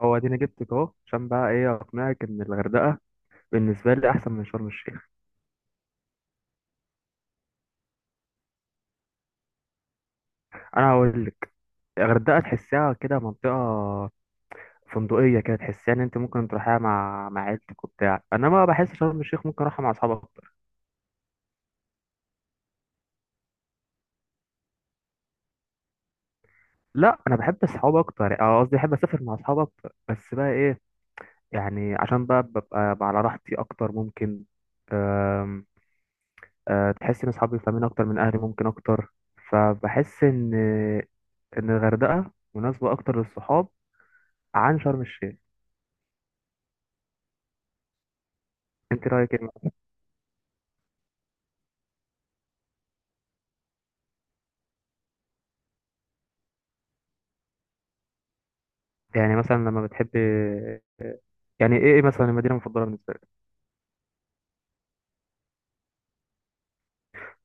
هو اديني جبتك اهو، عشان بقى ايه اقنعك ان الغردقه بالنسبه لي احسن من شرم الشيخ. انا هقول لك. الغردقه تحسها كده منطقه فندقيه كده، تحسها ان انت ممكن تروحيها مع عيلتك وبتاع، انما بحس شرم الشيخ ممكن اروحها مع اصحابي اكتر. لا انا بحب اصحاب اكتر، اه قصدي بحب اسافر مع اصحاب اكتر، بس بقى ايه، يعني عشان بقى ببقى على راحتي اكتر ممكن. أم، أه، تحس ان اصحابي فاهمين اكتر من اهلي ممكن اكتر. فبحس ان الغردقه مناسبه اكتر للصحاب عن شرم الشيخ. انت رايك ايه مثلاً؟ يعني مثلا لما بتحب، يعني ايه مثلا المدينه المفضله بالنسبه لك؟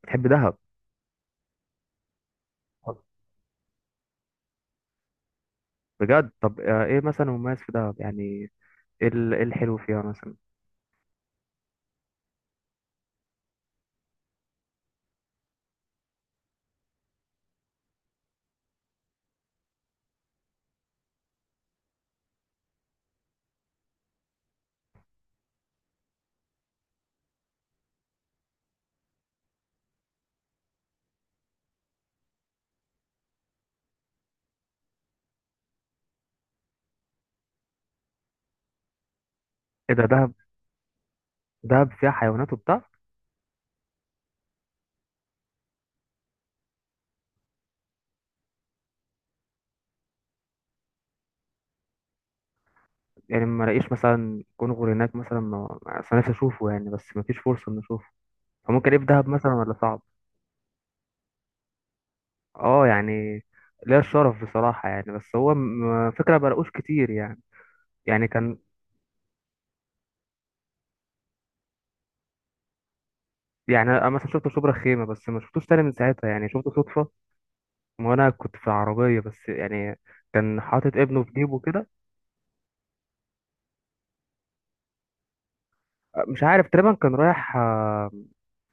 بتحب دهب. بجد؟ طب ايه مثلا مميز في دهب يعني، إيه الحلو فيها مثلا؟ ايه ده دهب! دهب فيها حيوانات وبتاع. يعني ما الاقيش مثلا كونغر هناك مثلا، أصل نفسي اشوفه يعني بس ما فيش فرصه ان اشوفه، فممكن ايه في دهب مثلا ولا صعب؟ اه يعني ليا الشرف بصراحه يعني، بس هو فكره ما بلاقوش كتير يعني. يعني كان، يعني انا مثلا شفت شبرا خيمه بس ما شفتوش تاني من ساعتها، يعني شفته صدفه. ما انا كنت في العربيه بس، يعني كان حاطط ابنه في جيبه كده. مش عارف تقريبا كان رايح،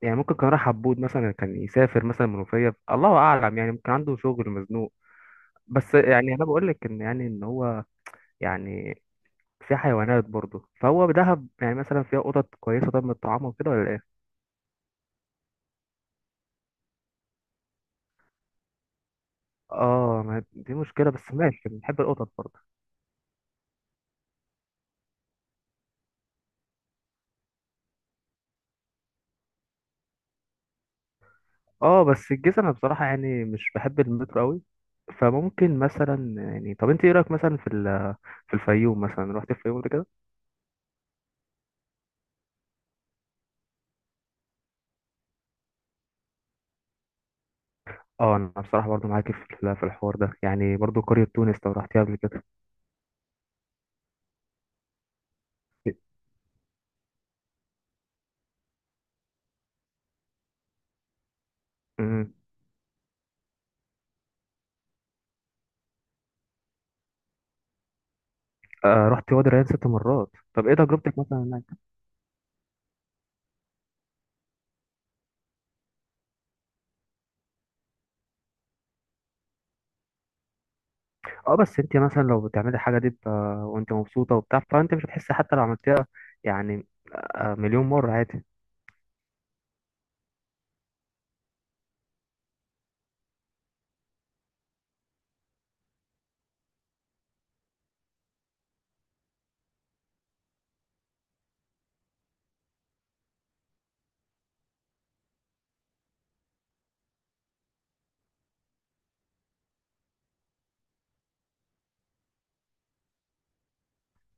يعني ممكن كان رايح عبود مثلا، كان يسافر مثلا منوفيه، الله اعلم، يعني ممكن عنده شغل مزنوق. بس يعني انا بقول لك ان يعني ان هو يعني في حيوانات برضه، فهو بدهب يعني مثلا فيها قطط كويسه طب، من الطعام وكده ولا ايه؟ اه، ما دي مشكله بس ماشي، بنحب القطط برضه. اه بس الجيزة انا بصراحة يعني مش بحب المترو قوي، فممكن مثلا يعني، طب انت ايه رأيك مثلا في في الفيوم مثلا، رحت الفيوم قبل كده؟ اه انا بصراحة برضو معاكي في في الحوار ده، يعني برضو قرية تونس لو رحتيها قبل كده؟ امم. آه، رحت وادي الريان 6 مرات، طب ايه تجربتك مثلا هناك؟ اه بس انت مثلا لو بتعملي الحاجة دي ب-، وانت مبسوطة وبتاع، فانت مش هتحسي حتى لو عملتيها، يعني آه مليون مرة عادي.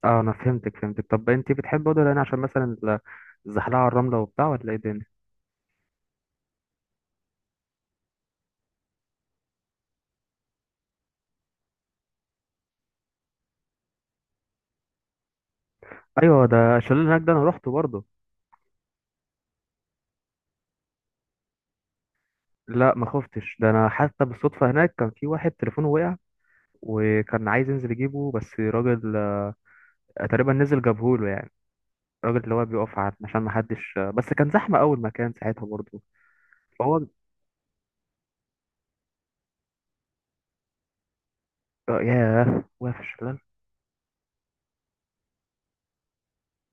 اه انا فهمتك فهمتك، طب انت بتحبي وادي الريان عشان مثلا الزحلقة على الرملة وبتاع ولا ايه الدنيا؟ ايوه، ده الشلال اللي هناك ده انا روحته برضه. لا ما خفتش، ده انا حتى بالصدفه هناك كان في واحد تليفونه وقع، وكان عايز ينزل يجيبه بس راجل تقريبا نزل جابهوله يعني، الراجل اللي هو بيقف عشان ما حدش، بس كان زحمه اول مكان ساعتها برضه. فهو، ياه، واقف في الشلال.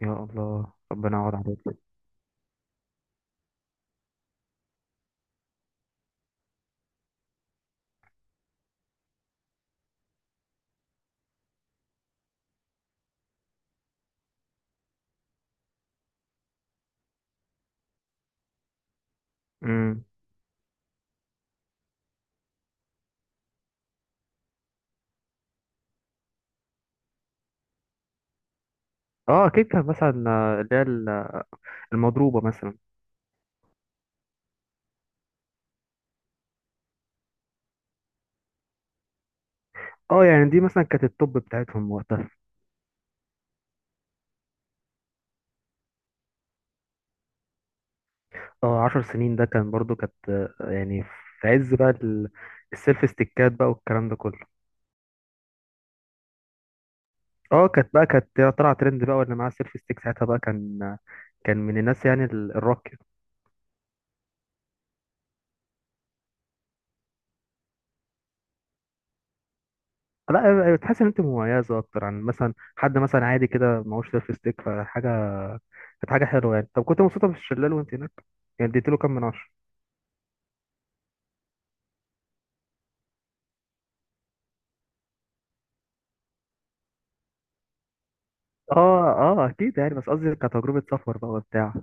يا الله، ربنا يقعد عليك. امم. اه اكيد كان مثلا اللي هي المضروبه مثلا. اه يعني دي مثلا كانت التوب بتاعتهم وقتها. اه 10 سنين ده كان برضو، كانت يعني في عز بقى السيلف ستيكات بقى والكلام ده كله. اه كانت بقى كانت طلع ترند بقى، واللي معاه سيلف ستيك ساعتها بقى كان، كان من الناس يعني الراقية. لا أيوة، تحس ان انت مميزة اكتر عن مثلا حد مثلا عادي كده معهوش سيلف ستيك، فحاجة كانت حاجة حلوة يعني. طب كنت مبسوطة في الشلال وانت هناك، يعني اديتله كام من 10؟ اه اه اكيد يعني، بس قصدي كتجربة سفر بقى وبتاع.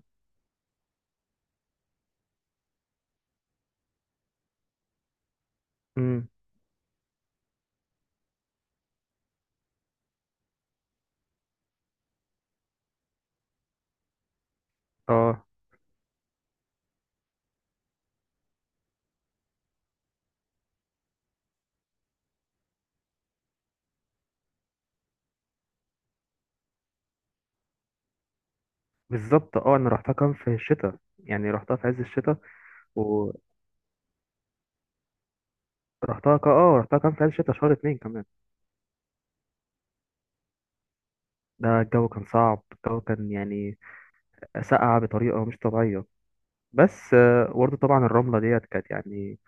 امم. اه بالظبط، اه انا رحتها كان في الشتاء، يعني رحتها في عز الشتاء، رحتها اه رحتها كان في عز الشتا شهر اتنين كمان. ده الجو كان صعب، الجو كان يعني ساقع بطريقة مش طبيعية، بس برضه طبعا الرملة ديت كانت يعني،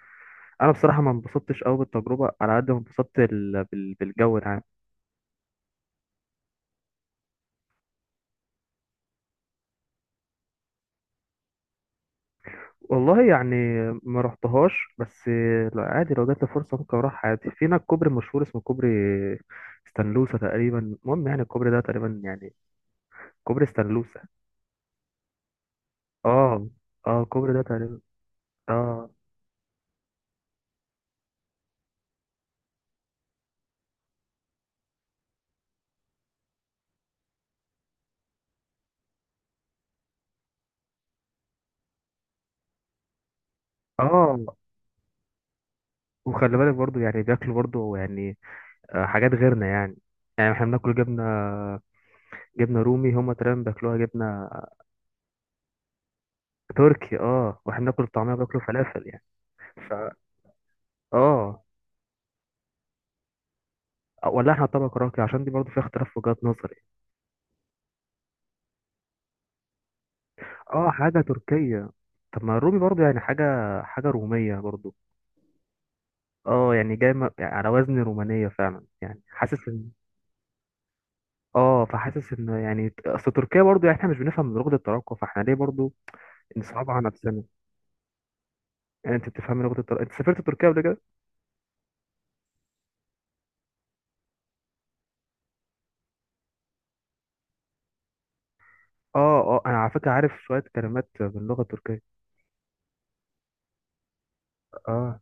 أنا بصراحة ما انبسطتش أوي بالتجربة على قد ما انبسطت بالجو العام. والله يعني ما رحتهاش بس لا عادي لو جات لي فرصة ممكن أروح عادي، في هناك كوبري مشهور اسمه كوبري ستانلوسا تقريبا، المهم يعني الكوبري ده تقريبا يعني. كوبري ستانلوسا. اه. اه الكوبري ده تقريبا، اه. اه وخلي بالك برضو يعني بياكلوا برضو يعني حاجات غيرنا يعني، يعني احنا بناكل جبنة رومي، هما تقريبا بياكلوها جبنة تركي. اه واحنا بناكل الطعمية بياكلوا فلافل يعني. ف، اه ولا احنا طبق راقي؟ عشان دي برضو فيها اختلاف في وجهات نظري. اه حاجة تركية، طب ما الرومي برضو يعني حاجة رومية برضو. اه يعني جاي يعني على وزن رومانية فعلا، يعني حاسس ان، اه فحاسس ان يعني اصل تركيا برضو، يعني احنا مش بنفهم من لغة التراكم، فاحنا ليه برضو نصعبها على نفسنا؟ يعني انت بتفهمي لغه التركية؟ انت سافرت تركيا قبل كده؟ اه اه انا على فكره عارف شويه كلمات باللغه التركيه. اه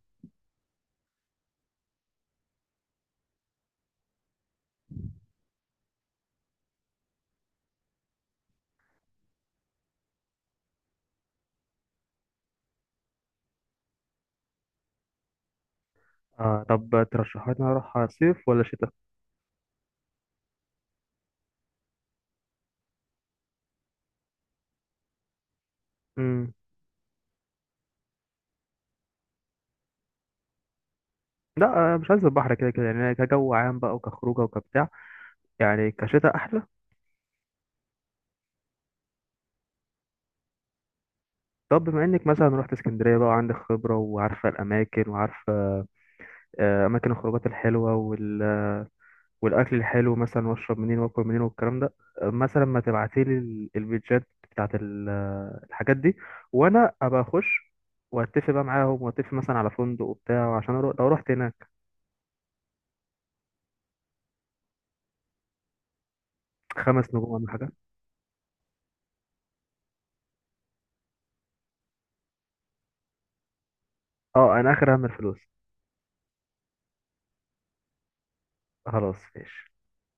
اه طب ترشحوا لي إن أنا اروح صيف ولا شتاء؟ امم. لا مش عايز البحر كده كده، يعني كجو عام بقى وكخروجه وكبتاع، يعني كشتاء احلى. طب بما انك مثلا رحت اسكندريه بقى، وعندك خبره وعارفه الاماكن وعارفه اماكن الخروجات الحلوه والاكل الحلو مثلا، واشرب منين واكل منين والكلام ده، مثلا ما تبعتيلي البيتجات بتاعت الحاجات دي، وانا ابقى اخش واتفق بقى معاهم، واتفق مثلا على فندق وبتاع عشان أروح لو رحت هناك. 5 نجوم ولا حاجه؟ اه انا اخر اهم الفلوس. خلاص ماشي.